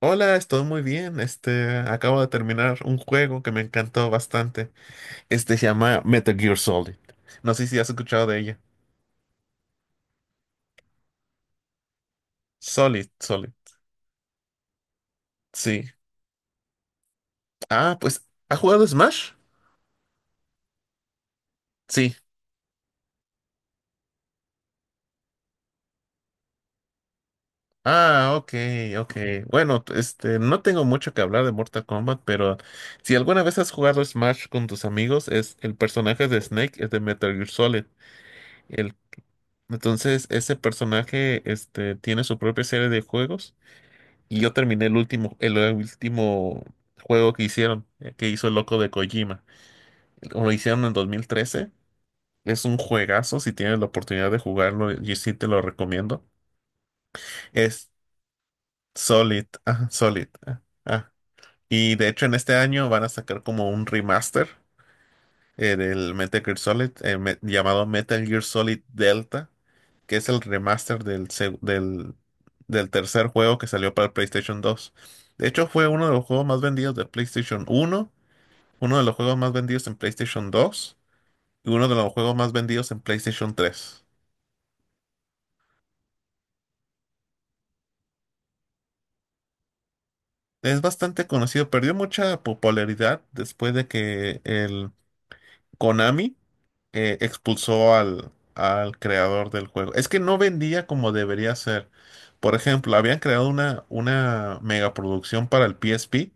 Hola, estoy muy bien. Acabo de terminar un juego que me encantó bastante. Este se llama Metal Gear Solid. No sé si has escuchado de ella. Solid, Solid. Sí. Ah, pues, ¿ha jugado Smash? Sí. Ah, ok, ok. Bueno, no tengo mucho que hablar de Mortal Kombat, pero si alguna vez has jugado Smash con tus amigos, es el personaje de Snake es de Metal Gear Solid. El, entonces, ese personaje, tiene su propia serie de juegos. Y yo terminé el último juego que hicieron, que hizo el loco de Kojima. Lo hicieron en 2013. Es un juegazo, si tienes la oportunidad de jugarlo, yo sí te lo recomiendo. Es Solid, ah, Solid. Ah, ah. Y de hecho en este año van a sacar como un remaster en el Metal Gear Solid, llamado Metal Gear Solid Delta, que es el remaster del tercer juego que salió para el PlayStation 2. De hecho, fue uno de los juegos más vendidos de PlayStation 1, uno de los juegos más vendidos en PlayStation 2 y uno de los juegos más vendidos en PlayStation 3. Es bastante conocido, perdió mucha popularidad después de que el Konami expulsó al creador del juego. Es que no vendía como debería ser. Por ejemplo, habían creado una megaproducción para el PSP,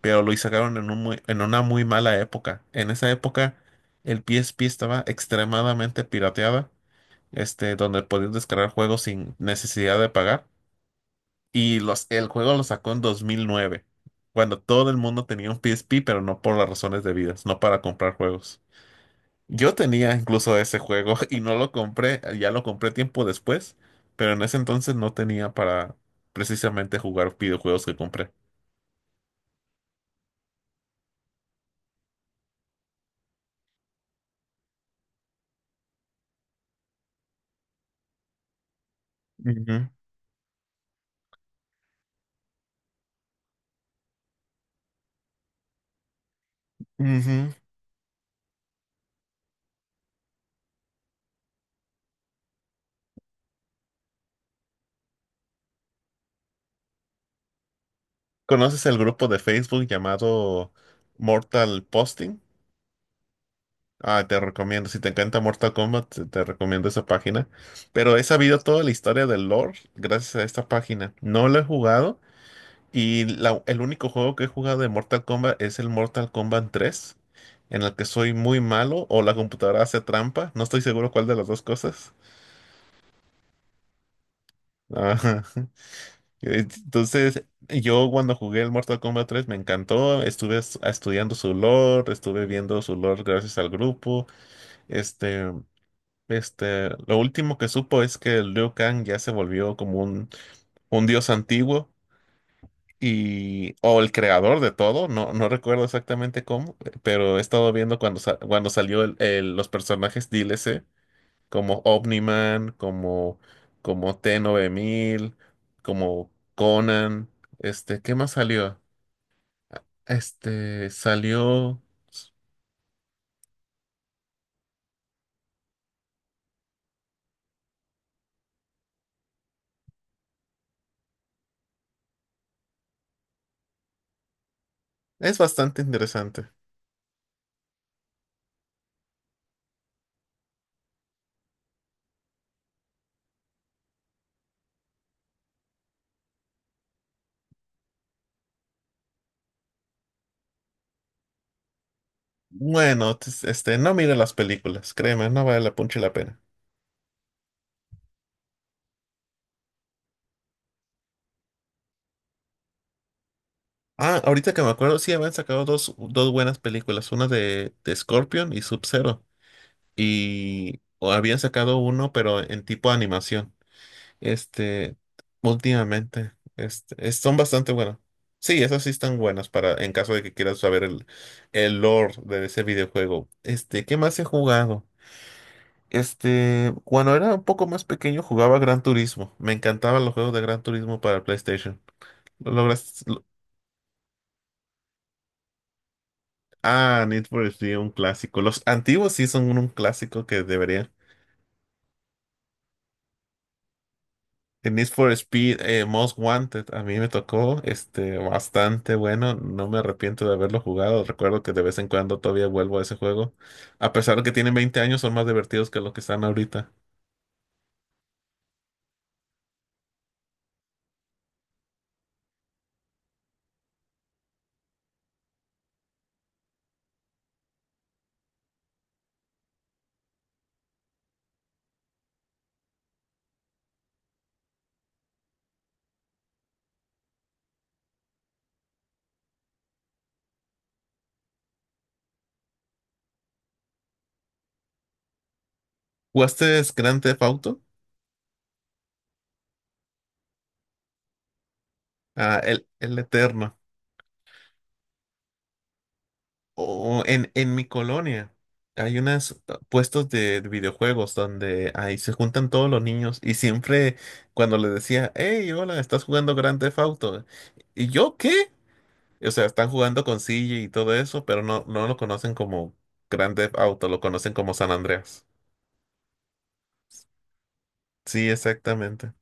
pero lo sacaron en en una muy mala época. En esa época, el PSP estaba extremadamente pirateada, donde podías descargar juegos sin necesidad de pagar. Y el juego lo sacó en 2009, cuando todo el mundo tenía un PSP, pero no por las razones debidas, no para comprar juegos. Yo tenía incluso ese juego y no lo compré, ya lo compré tiempo después, pero en ese entonces no tenía para precisamente jugar videojuegos que compré. Ujú, ujú. ¿Conoces el grupo de Facebook llamado Mortal Posting? Ah, te recomiendo, si te encanta Mortal Kombat, te recomiendo esa página. Pero he sabido toda la historia del lore gracias a esta página. No lo he jugado. El único juego que he jugado de Mortal Kombat es el Mortal Kombat tres en el que soy muy malo o la computadora hace trampa. No estoy seguro cuál de las dos cosas. Ajá. Entonces, yo cuando jugué el Mortal Kombat 3 me encantó. Estuve estudiando su lore, estuve viendo su lore gracias al grupo. Este, lo último que supo es que Liu Kang ya se volvió como un dios antiguo y o el creador de todo, no, no recuerdo exactamente cómo, pero he estado viendo cuando, cuando salió los personajes DLC, como Omniman, como T-9000 como Conan, ¿qué más salió? Salió... Es bastante interesante. Bueno, no mire las películas, créeme, no vale la punche la pena. Ah, ahorita que me acuerdo, sí habían sacado dos buenas películas, una de Scorpion y Sub-Zero. Y o habían sacado uno, pero en tipo animación. Este, últimamente, son bastante buenos. Sí, esas sí están buenas para en caso de que quieras saber el lore de ese videojuego. ¿Qué más he jugado? Cuando era un poco más pequeño jugaba Gran Turismo. Me encantaban los juegos de Gran Turismo para PlayStation. Lo logras. Ah, Need for Speed, un clásico. Los antiguos sí son un clásico que deberían. En Need for Speed, Most Wanted, a mí me tocó bastante bueno. No me arrepiento de haberlo jugado. Recuerdo que de vez en cuando todavía vuelvo a ese juego. A pesar de que tienen 20 años, son más divertidos que los que están ahorita. ¿Jugaste Grand Theft Auto? Ah, el Eterno. O en mi colonia hay unos puestos de videojuegos donde ahí se juntan todos los niños y siempre cuando les decía, hey, hola, ¿estás jugando Grand Theft Auto? ¿Y yo qué? O sea, están jugando con CJ y todo eso, pero no, no lo conocen como Grand Theft Auto, lo conocen como San Andreas. Sí, exactamente.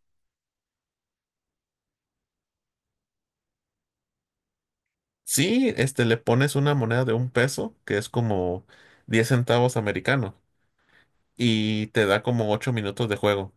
Sí, le pones una moneda de 1 peso, que es como 10 centavos americanos, y te da como 8 minutos de juego.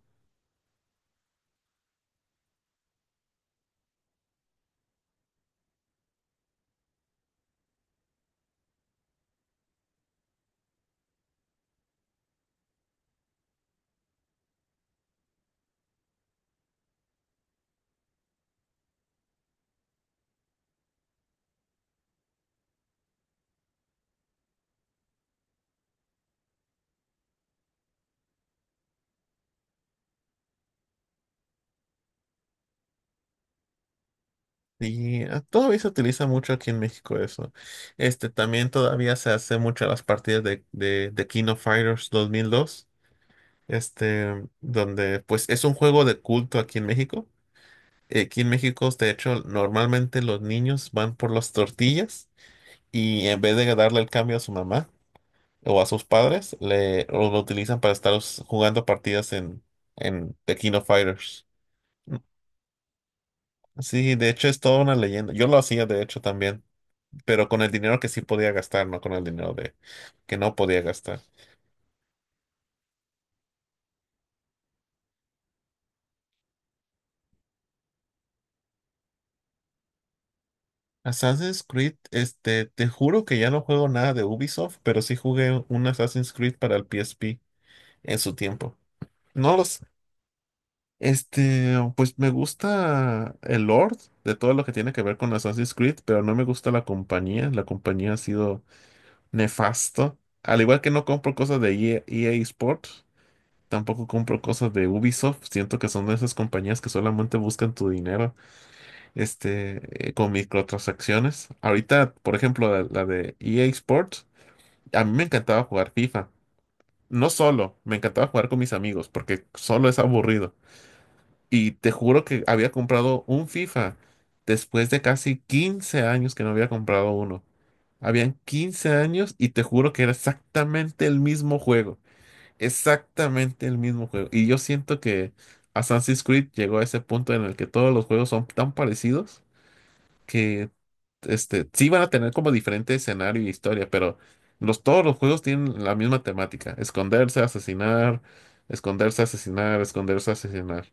Y ah, todavía se utiliza mucho aquí en México eso. También todavía se hace mucho las partidas de King of Fighters 2002, donde pues es un juego de culto aquí en México. Aquí en México, de hecho, normalmente los niños van por las tortillas y en vez de darle el cambio a su mamá o a sus padres, lo utilizan para estar jugando partidas en The King of Fighters. Mm, sí, de hecho es toda una leyenda. Yo lo hacía, de hecho, también, pero con el dinero que sí podía gastar, no con el dinero de que no podía gastar. Assassin's Creed, te juro que ya no juego nada de Ubisoft, pero sí jugué un Assassin's Creed para el PSP en su tiempo. No los. Pues me gusta el Lord de todo lo que tiene que ver con Assassin's Creed, pero no me gusta la compañía. La compañía ha sido nefasto. Al igual que no compro cosas de EA, EA Sports, tampoco compro cosas de Ubisoft. Siento que son de esas compañías que solamente buscan tu dinero, con microtransacciones. Ahorita, por ejemplo, la de EA Sports, a mí me encantaba jugar FIFA. No solo, me encantaba jugar con mis amigos, porque solo es aburrido. Y te juro que había comprado un FIFA después de casi 15 años que no había comprado uno. Habían 15 años y te juro que era exactamente el mismo juego. Exactamente el mismo juego. Y yo siento que Assassin's Creed llegó a ese punto en el que todos los juegos son tan parecidos que sí van a tener como diferente escenario y historia, pero todos los juegos tienen la misma temática. Esconderse, asesinar, esconderse, asesinar, esconderse, asesinar.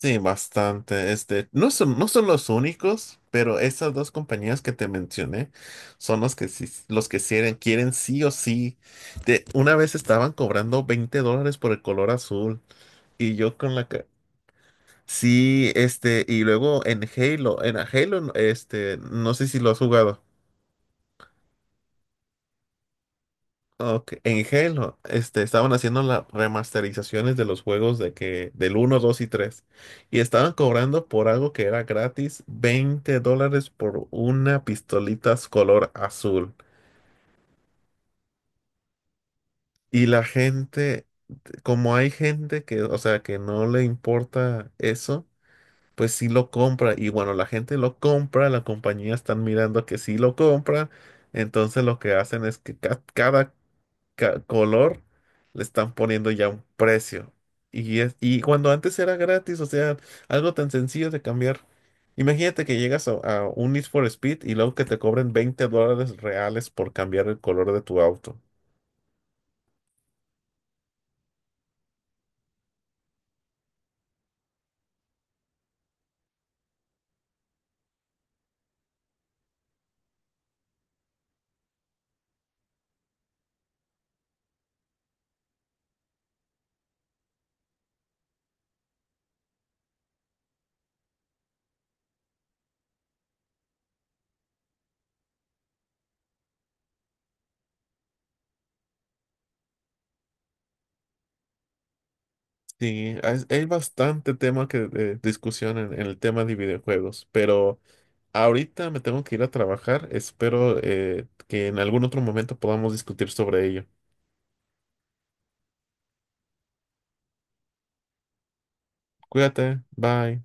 Sí, bastante. No son los únicos, pero esas dos compañías que te mencioné son los que los que quieren sí o sí. Una vez estaban cobrando $20 por el color azul y yo con la que sí, y luego en Halo, no sé si lo has jugado. Ok, en Halo, estaban haciendo las remasterizaciones de los juegos del uno, 2 y tres. Y estaban cobrando por algo que era gratis, $20 por una pistolita color azul. Y la gente, como hay gente que, o sea, que no le importa eso, pues sí lo compra. Y bueno, la gente lo compra, la compañía están mirando que sí lo compra. Entonces lo que hacen es que cada color le están poniendo ya un precio. Y cuando antes era gratis, o sea, algo tan sencillo de cambiar. Imagínate que llegas a un Need for Speed y luego que te cobren $20 reales por cambiar el color de tu auto. Sí, hay bastante tema que de discusión en el tema de videojuegos, pero ahorita me tengo que ir a trabajar. Espero que en algún otro momento podamos discutir sobre ello. Cuídate, bye.